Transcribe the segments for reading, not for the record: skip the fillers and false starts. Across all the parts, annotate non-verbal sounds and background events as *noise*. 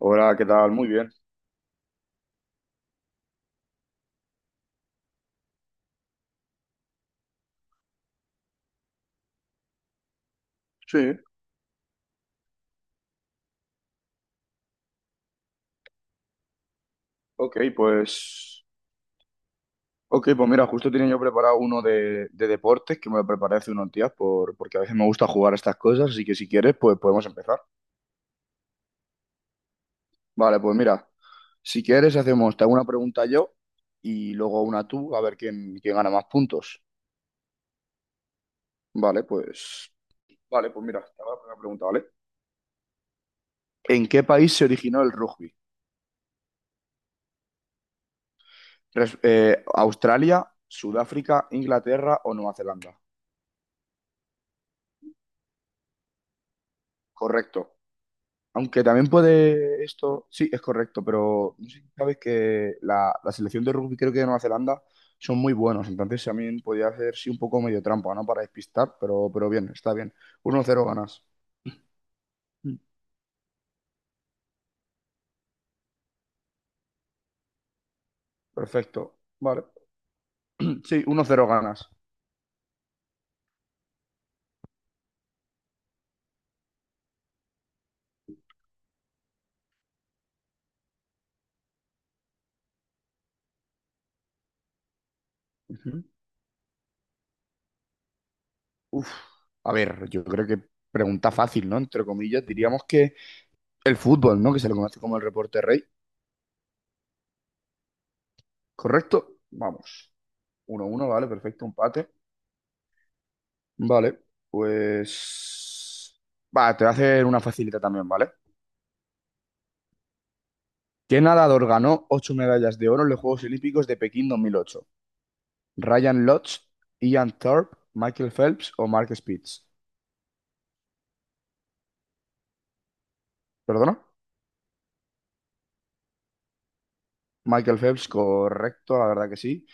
Hola, ¿qué tal? Muy bien. Sí, ok, pues. Ok, pues mira, justo tenía yo preparado uno de deportes que me lo preparé hace unos días porque a veces me gusta jugar a estas cosas, así que si quieres, pues podemos empezar. Vale, pues mira, si quieres hacemos, te hago una pregunta yo y luego una tú, a ver quién gana más puntos. Vale, pues. Vale, pues mira, te hago la primera pregunta, ¿vale? ¿En qué país se originó el rugby? ¿Australia, Sudáfrica, Inglaterra o Nueva Zelanda? Correcto. Aunque también puede esto, sí, es correcto, pero no sé si sabes que la selección de rugby creo que de Nueva Zelanda son muy buenos, entonces también podía hacer sí un poco medio trampa, ¿no? Para despistar, pero bien, está bien. 1-0 ganas. Mm, Perfecto. Vale. *clears throat* Sí, 1-0 ganas. Ujú. Uf. A ver, yo creo que pregunta fácil, ¿no? Entre comillas, diríamos que el fútbol, ¿no? Que se le conoce como el reporte rey, ¿correcto? Vamos. 1-1, vale, perfecto, empate. Vale, pues... Va, te voy a hacer una facilita también, ¿vale? ¿Qué nadador ganó ocho medallas de oro en los Juegos Olímpicos de Pekín 2008? ¿Ryan Lodge, Ian Thorpe, Michael Phelps o Mark Spitz? ¿Perdona? Michael Phelps, correcto, la verdad que sí.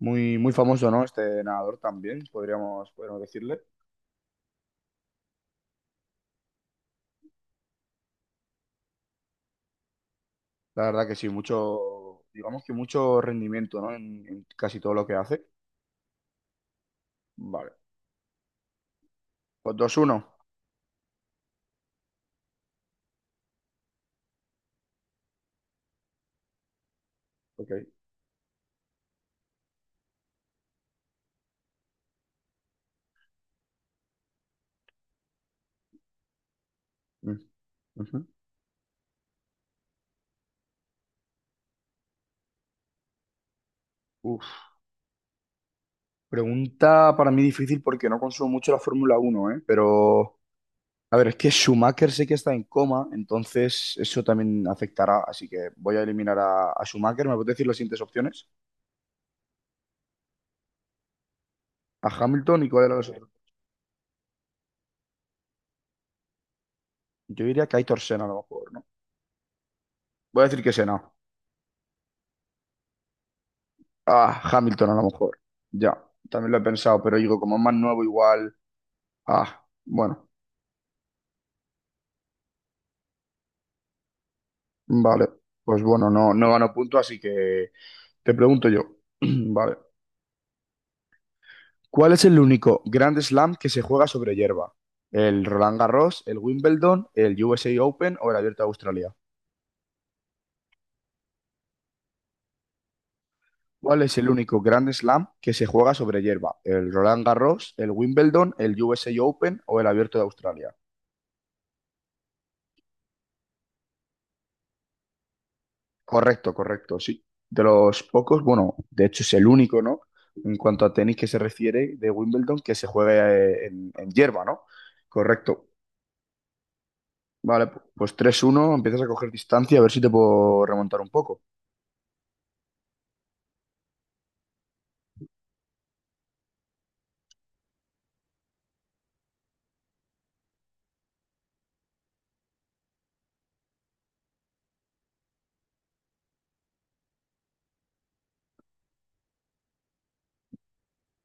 Muy, muy famoso, ¿no? Este nadador también, podríamos decirle. La verdad que sí, mucho, digamos que mucho rendimiento, ¿no? En casi todo lo que hace. Vale, pues 2-1. Ok. Mm. Ujú. Uf. Pregunta para mí difícil porque no consumo mucho la Fórmula Uno, ¿eh? Pero, a ver, es que Schumacher sé que está en coma, entonces eso también afectará, así que voy a eliminar a Schumacher. ¿Me puedes decir las siguientes opciones? A Hamilton y cuál era los otros. Yo diría que Aitor Senna a lo mejor, ¿no? Voy a decir que Senna. Ah, Hamilton a lo mejor. Ya, también lo he pensado, pero digo, como es más nuevo igual... Ah, bueno, vale. Pues bueno, no, no gano punto, así que te pregunto yo. *clears throat* Vale. ¿Cuál es el único Grand Slam que se juega sobre hierba? ¿El Roland Garros, el Wimbledon, el USA Open o el Abierto de Australia? ¿Cuál es el único Grand Slam que se juega sobre hierba? ¿El Roland Garros, el Wimbledon, el USA Open o el Abierto de Australia? Correcto, correcto, sí. De los pocos, bueno, de hecho es el único, ¿no? En cuanto a tenis que se refiere de Wimbledon, que se juega en hierba, ¿no? Correcto. Vale, pues 3-1, empiezas a coger distancia, a ver si te puedo remontar un poco.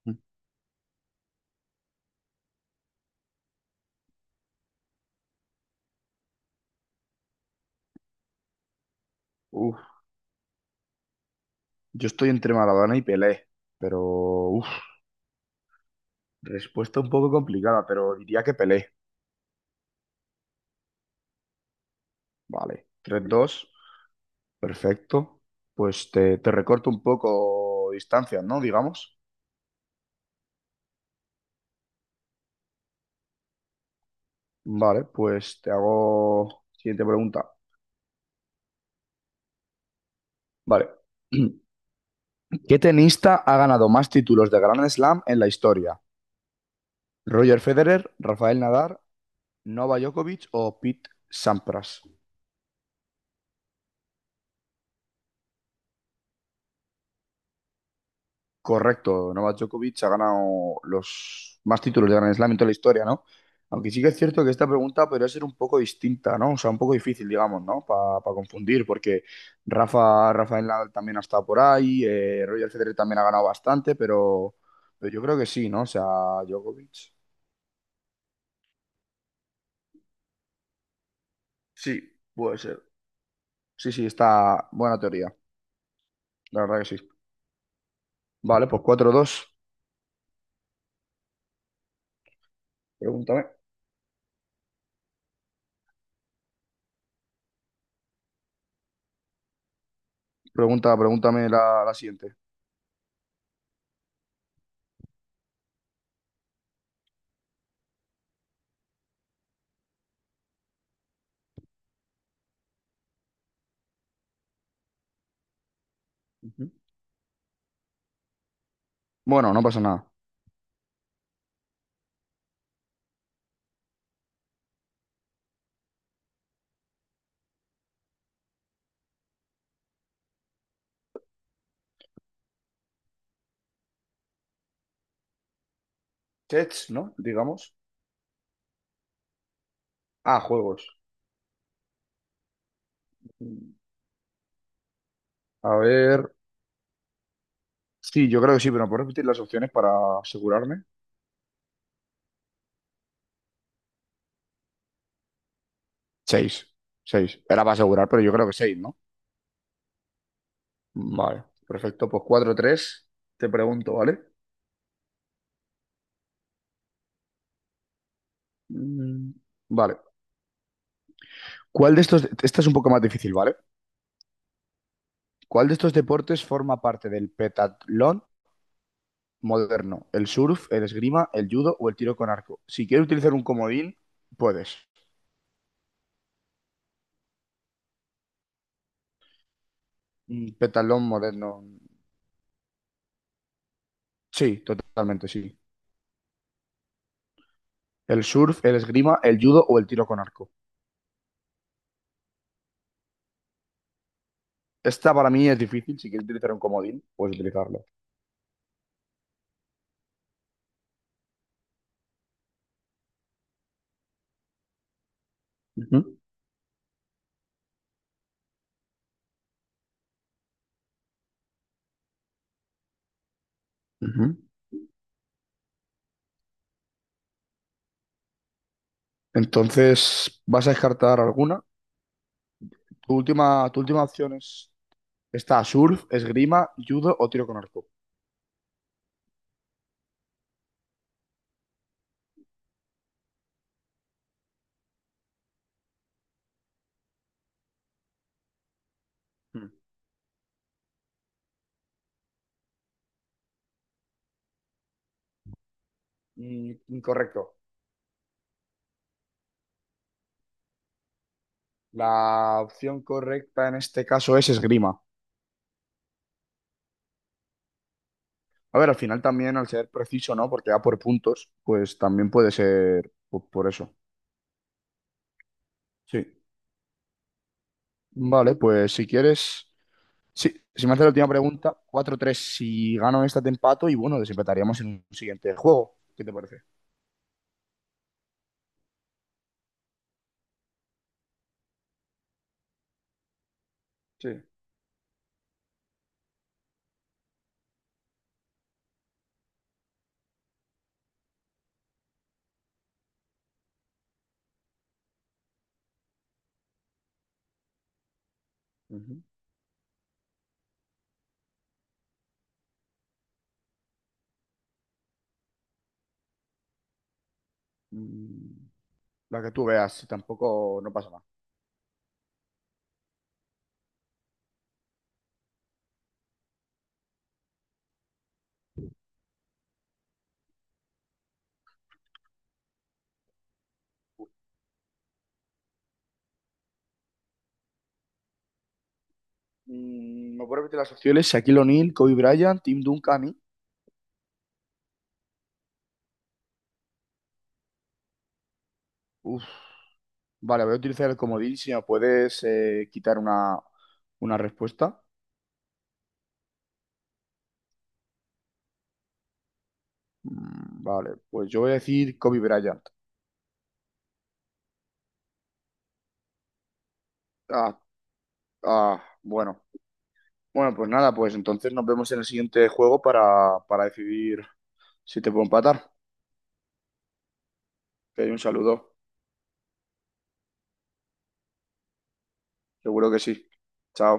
Mm. Uf. Yo estoy entre Maradona y Pelé, pero uf, respuesta un poco complicada, pero diría que Pelé. Vale, 3-2, perfecto. Pues te recorto un poco distancia, ¿no? Digamos. Vale, pues te hago siguiente pregunta. Vale. *clears throat* ¿Qué tenista ha ganado más títulos de Grand Slam en la historia? ¿Roger Federer, Rafael Nadal, Novak Djokovic o Pete Sampras? Correcto, Novak Djokovic ha ganado los más títulos de Grand Slam en toda la historia, ¿no? Aunque sí que es cierto que esta pregunta podría ser un poco distinta, ¿no? O sea, un poco difícil, digamos, ¿no? Para confundir, porque Rafael Nadal también ha estado por ahí, Roger Federer también ha ganado bastante, pero yo creo que sí, ¿no? O sea, Djokovic. Sí, puede ser. Sí, sí, está buena teoría, la verdad que sí. Vale, pues 4-2. Pregúntame. Pregúntame la siguiente. Ujú. Bueno, no pasa nada. Tets, ¿no? Digamos. Ah, juegos. A ver. Sí, yo creo que sí, pero ¿me puedes repetir las opciones para asegurarme? Seis. Seis. Era para asegurar, pero yo creo que seis, ¿no? Vale, perfecto. Pues 4-3. Te pregunto, ¿vale? Mm, Vale. ¿Cuál de estos, esta es un poco más difícil, ¿vale? ¿Cuál de estos deportes forma parte del petatlón moderno? ¿El surf, el esgrima, el judo o el tiro con arco? Si quieres utilizar un comodín, puedes. Pentatlón moderno. Sí, totalmente, sí. El surf, el esgrima, el judo o el tiro con arco. Esta para mí es difícil. Si quieres utilizar un comodín, puedes utilizarlo. Ujú, ujú. Entonces, ¿vas a descartar alguna? Tu última opción es, está surf, esgrima, judo o tiro con arco. Mm. Incorrecto. La opción correcta en este caso es esgrima. A ver, al final también al ser preciso, ¿no? Porque va por puntos, pues también puede ser por eso. Sí. Vale, pues si quieres, sí, si me haces la última pregunta, 4-3, si gano esta te empato y bueno, desempataríamos en un siguiente juego. ¿Qué te parece? Sí. Ujú. Mm, La que tú veas, tampoco no pasa nada. ¿Me puedo repetir las opciones? Shaquille O'Neal, Kobe Bryant, Tim Duncan y... Uf, vale, voy a utilizar el comodín si me puedes quitar una respuesta. Vale, pues yo voy a decir Kobe Bryant. Ah, ah, bueno. Bueno, pues nada, pues entonces nos vemos en el siguiente juego para decidir si te puedo empatar. Que hay un saludo, seguro que sí. Chao.